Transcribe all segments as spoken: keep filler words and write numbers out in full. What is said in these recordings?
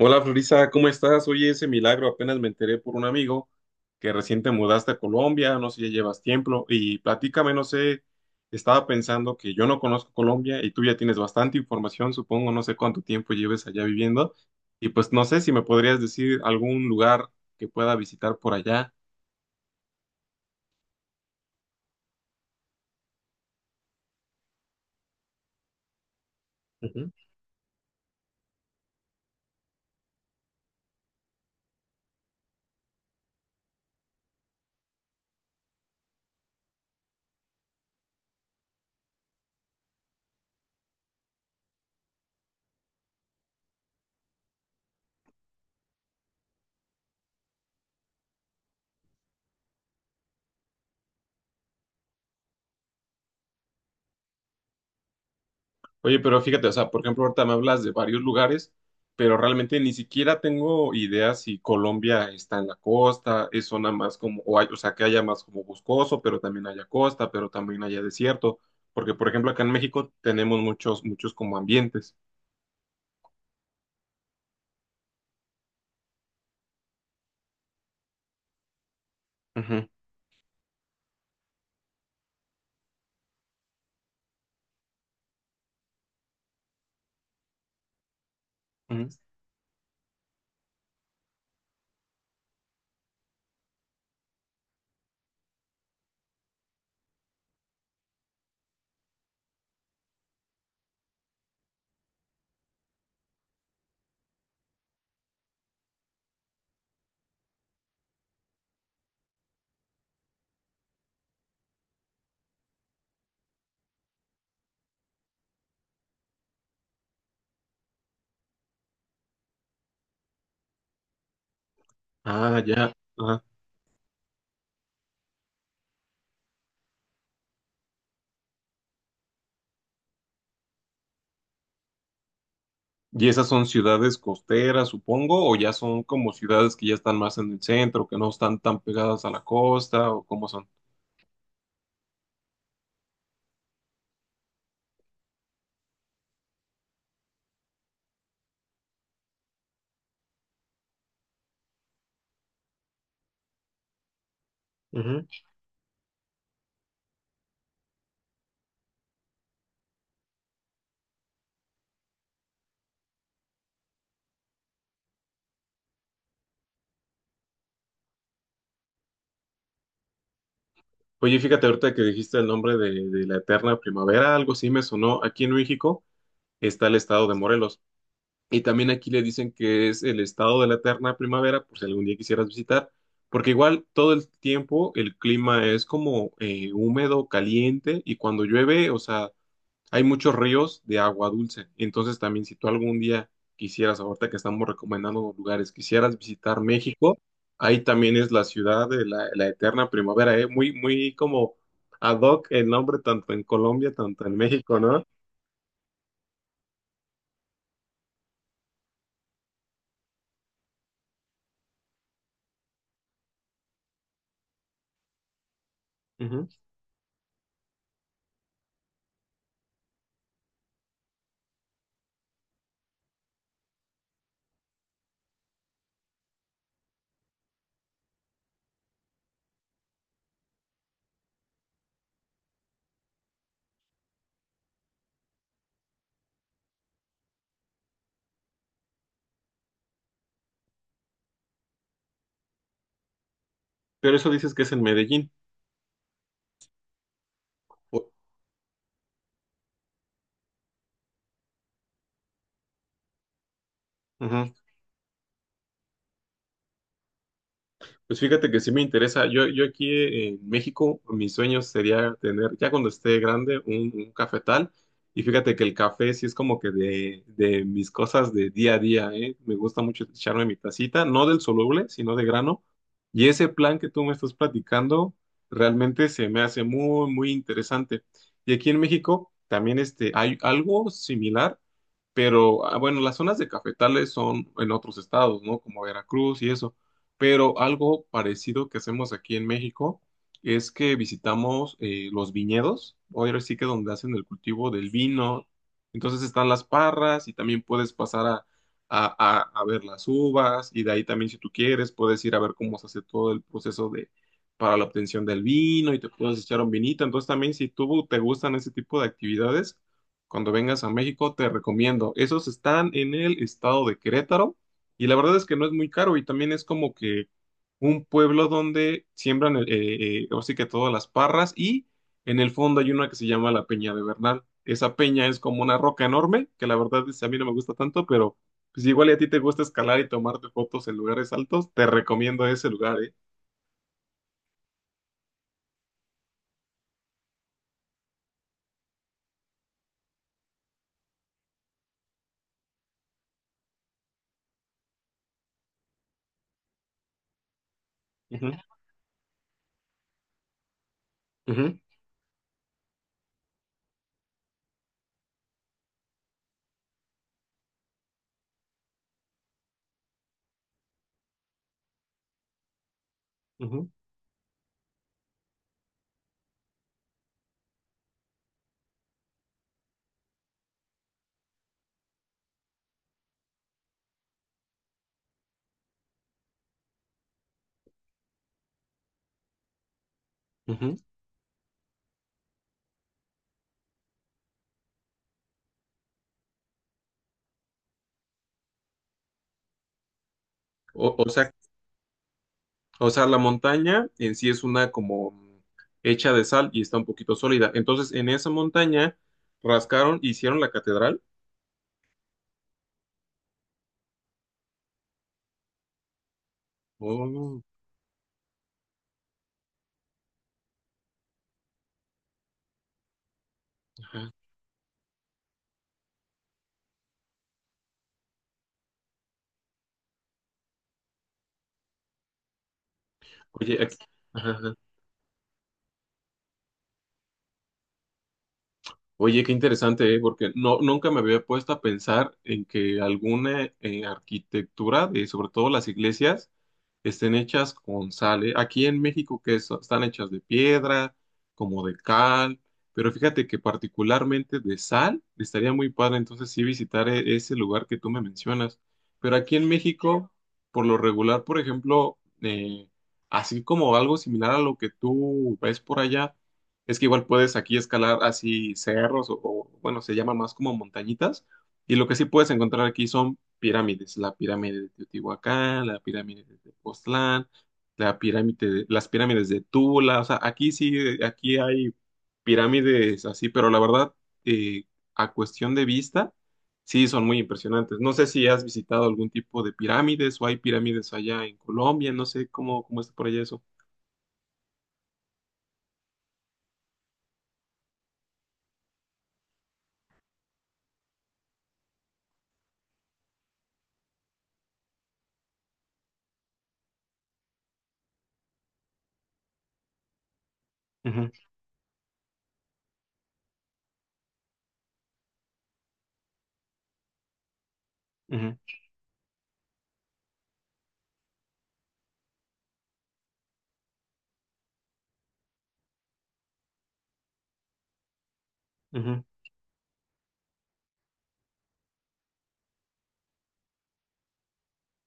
Hola Florisa, ¿cómo estás? Oye, ese milagro, apenas me enteré por un amigo que recién te mudaste a Colombia, no sé, si ya llevas tiempo y platícame, no sé, estaba pensando que yo no conozco Colombia y tú ya tienes bastante información, supongo, no sé cuánto tiempo lleves allá viviendo y pues no sé si me podrías decir algún lugar que pueda visitar por allá. Oye, pero fíjate, o sea, por ejemplo, ahorita me hablas de varios lugares, pero realmente ni siquiera tengo idea si Colombia está en la costa, es zona más como, o, hay- o sea, que haya más como boscoso, pero también haya costa, pero también haya desierto, porque por ejemplo acá en México tenemos muchos, muchos como ambientes. Ujú, ujú. Ah, ya. Ajá. ¿Y esas son ciudades costeras, supongo, o ya son como ciudades que ya están más en el centro, que no están tan pegadas a la costa, o cómo son? Oye, fíjate ahorita que dijiste el nombre de, de la eterna primavera, algo así me sonó. Aquí en México está el estado de Morelos y también aquí le dicen que es el estado de la eterna primavera, por si algún día quisieras visitar, porque igual todo el tiempo el clima es como eh, húmedo, caliente y cuando llueve, o sea, hay muchos ríos de agua dulce. Entonces también si tú algún día quisieras, ahorita que estamos recomendando lugares, quisieras visitar México, ahí también es la ciudad de la, la eterna primavera, ¿eh? Muy, muy como ad hoc el nombre tanto en Colombia, tanto en México, ¿no? Ujú. Pero eso dices que es en Medellín. O- Ujú. Pues fíjate que sí me interesa. Yo, yo aquí eh, en México, mis sueños sería tener, ya cuando esté grande, un, un cafetal. Y fíjate que el café sí es como que de, de mis cosas de día a día, ¿eh? Me gusta mucho echarme mi tacita, no del soluble, sino de grano. Y ese plan que tú me estás platicando realmente se me hace muy, muy interesante. Y aquí en México también este, hay algo similar, pero ah, bueno, las zonas de cafetales son en otros estados, ¿no? Como Veracruz y eso. Pero algo parecido que hacemos aquí en México es que visitamos eh, los viñedos, o ahora sí que donde hacen el cultivo del vino. Entonces están las parras y también puedes pasar a, a- a- a ver las uvas y de ahí también si tú quieres puedes ir a ver cómo se hace todo el proceso de para la obtención del vino y te puedes echar un vinito. Entonces también si tú te gustan ese tipo de actividades, cuando vengas a México te recomiendo. Esos están en el estado de Querétaro y la verdad es que no es muy caro y también es como que un pueblo donde siembran, eh, eh, eh, ahora sí que todas las parras y en el fondo hay una que se llama la Peña de Bernal. Esa peña es como una roca enorme, que la verdad es, a mí no me gusta tanto, pero pues igual y a ti te gusta escalar y tomarte fotos en lugares altos, te recomiendo ese lugar, ¿eh? Ujú, ujú, ujú, ujú. O, o sea, o sea, la montaña en sí es una como hecha de sal y está un poquito sólida. Entonces, en esa montaña rascaron, hicieron la catedral. Oh, ajá. Oye, aquí, ajá, ajá. Oye, qué interesante, ¿eh? Porque no, nunca me había puesto a pensar en que alguna eh, arquitectura, de, sobre todo las iglesias, estén hechas con sal, ¿eh? Aquí en México que es- están hechas de piedra, como de cal, pero fíjate que particularmente de sal, estaría muy padre entonces sí visitar e- ese lugar que tú me mencionas. Pero aquí en México, por lo regular, por ejemplo, eh, así como algo similar a lo que tú ves por allá. Es que igual puedes aquí escalar así cerros o, o, bueno, se llama más como montañitas. Y lo que sí puedes encontrar aquí son pirámides. La pirámide de Teotihuacán, la pirámide de Tepoztlán, la pirámide de- las pirámides de Tula. O sea, aquí sí, eh, aquí hay pirámides así, pero la verdad, eh, a cuestión de vista, sí son muy impresionantes. No sé si has visitado algún tipo de pirámides o hay pirámides allá en Colombia. No sé cómo, cómo está por allá eso. Ujú, ujú, ujú.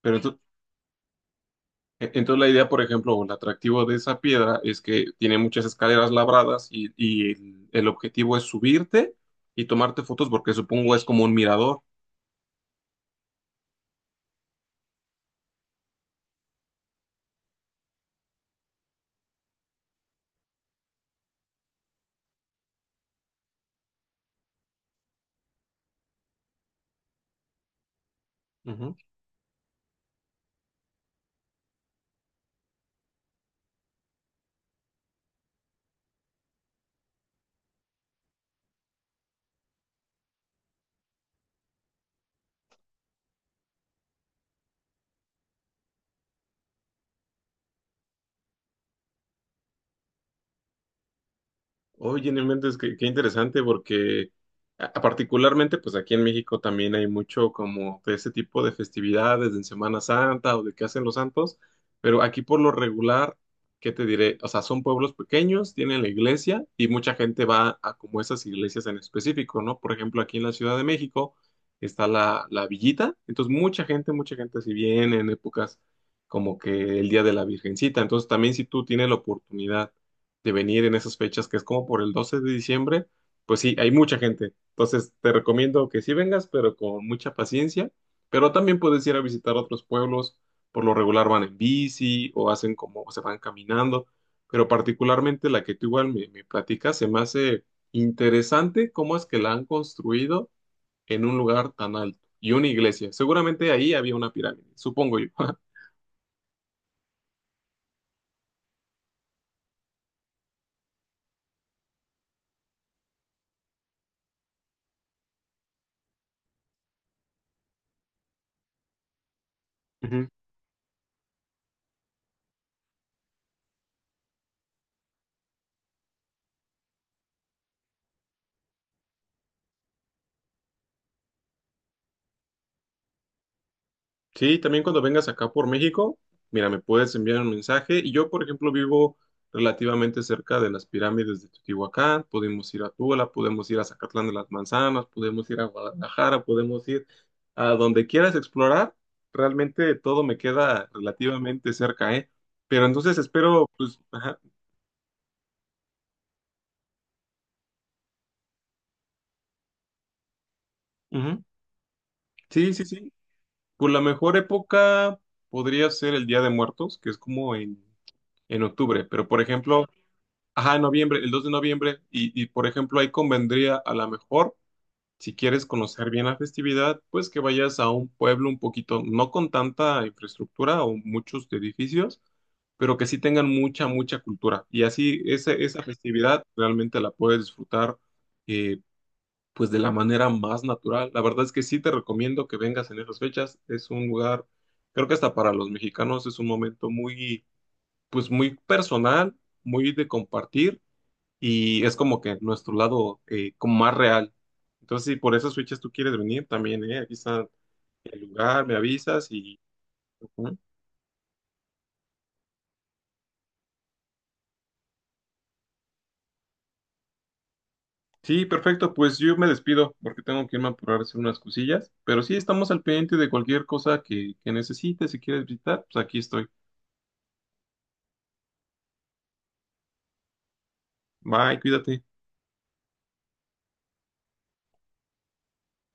Pero tú- E- Entonces la idea, por ejemplo, o el atractivo de esa piedra es que tiene muchas escaleras labradas y, y el, el objetivo es subirte y tomarte fotos porque supongo es como un mirador. Oye, no inventes, qué, qué interesante, porque a- a particularmente, pues aquí en México también hay mucho como de ese tipo de festividades, en Semana Santa o de qué hacen los santos, pero aquí por lo regular, ¿qué te diré? O sea, son pueblos pequeños, tienen la iglesia y mucha gente va a como esas iglesias en específico, ¿no? Por ejemplo, aquí en la Ciudad de México está la, la Villita, entonces mucha gente, mucha gente si viene en épocas como que el Día de la Virgencita, entonces también si tú tienes la oportunidad de venir en esas fechas, que es como por el doce de diciembre, pues sí, hay mucha gente. Entonces te recomiendo que sí vengas, pero con mucha paciencia. Pero también puedes ir a visitar otros pueblos. Por lo regular van en bici o hacen como o se van caminando. Pero particularmente la que tú igual me, me platicas, se me hace interesante cómo es que la han construido en un lugar tan alto y una iglesia. Seguramente ahí había una pirámide, supongo yo. Sí, también cuando vengas acá por México, mira, me puedes enviar un mensaje. Y yo, por ejemplo, vivo relativamente cerca de las pirámides de Teotihuacán. Podemos ir a Tula, podemos ir a Zacatlán de las Manzanas, podemos ir a Guadalajara, podemos ir a donde quieras explorar. Realmente todo me queda relativamente cerca, ¿eh? Pero entonces espero, pues, ajá. Ujú. Sí, sí, sí. Pues la mejor época podría ser el Día de Muertos, que es como en, en octubre. Pero, por ejemplo... Ajá, en noviembre, el dos de noviembre. Y, y, por ejemplo, ahí convendría a lo mejor, si quieres conocer bien la festividad, pues que vayas a un pueblo un poquito, no con tanta infraestructura o muchos edificios, pero que sí tengan mucha, mucha cultura. Y así ese- esa festividad realmente la puedes disfrutar eh, pues de la manera más natural. La verdad es que sí te recomiendo que vengas en esas fechas. Es un lugar, creo que hasta para los mexicanos es un momento muy, pues muy personal, muy de compartir y es como que nuestro lado eh, como más real. Entonces, si por esas fechas tú quieres venir, también, ¿eh? Aquí está el lugar, me avisas y... ujú. Sí, perfecto, pues yo me despido porque tengo que irme a apurar a hacer unas cosillas, pero sí estamos al pendiente de cualquier cosa que, que necesites, si quieres visitar, pues aquí estoy. Bye, cuídate.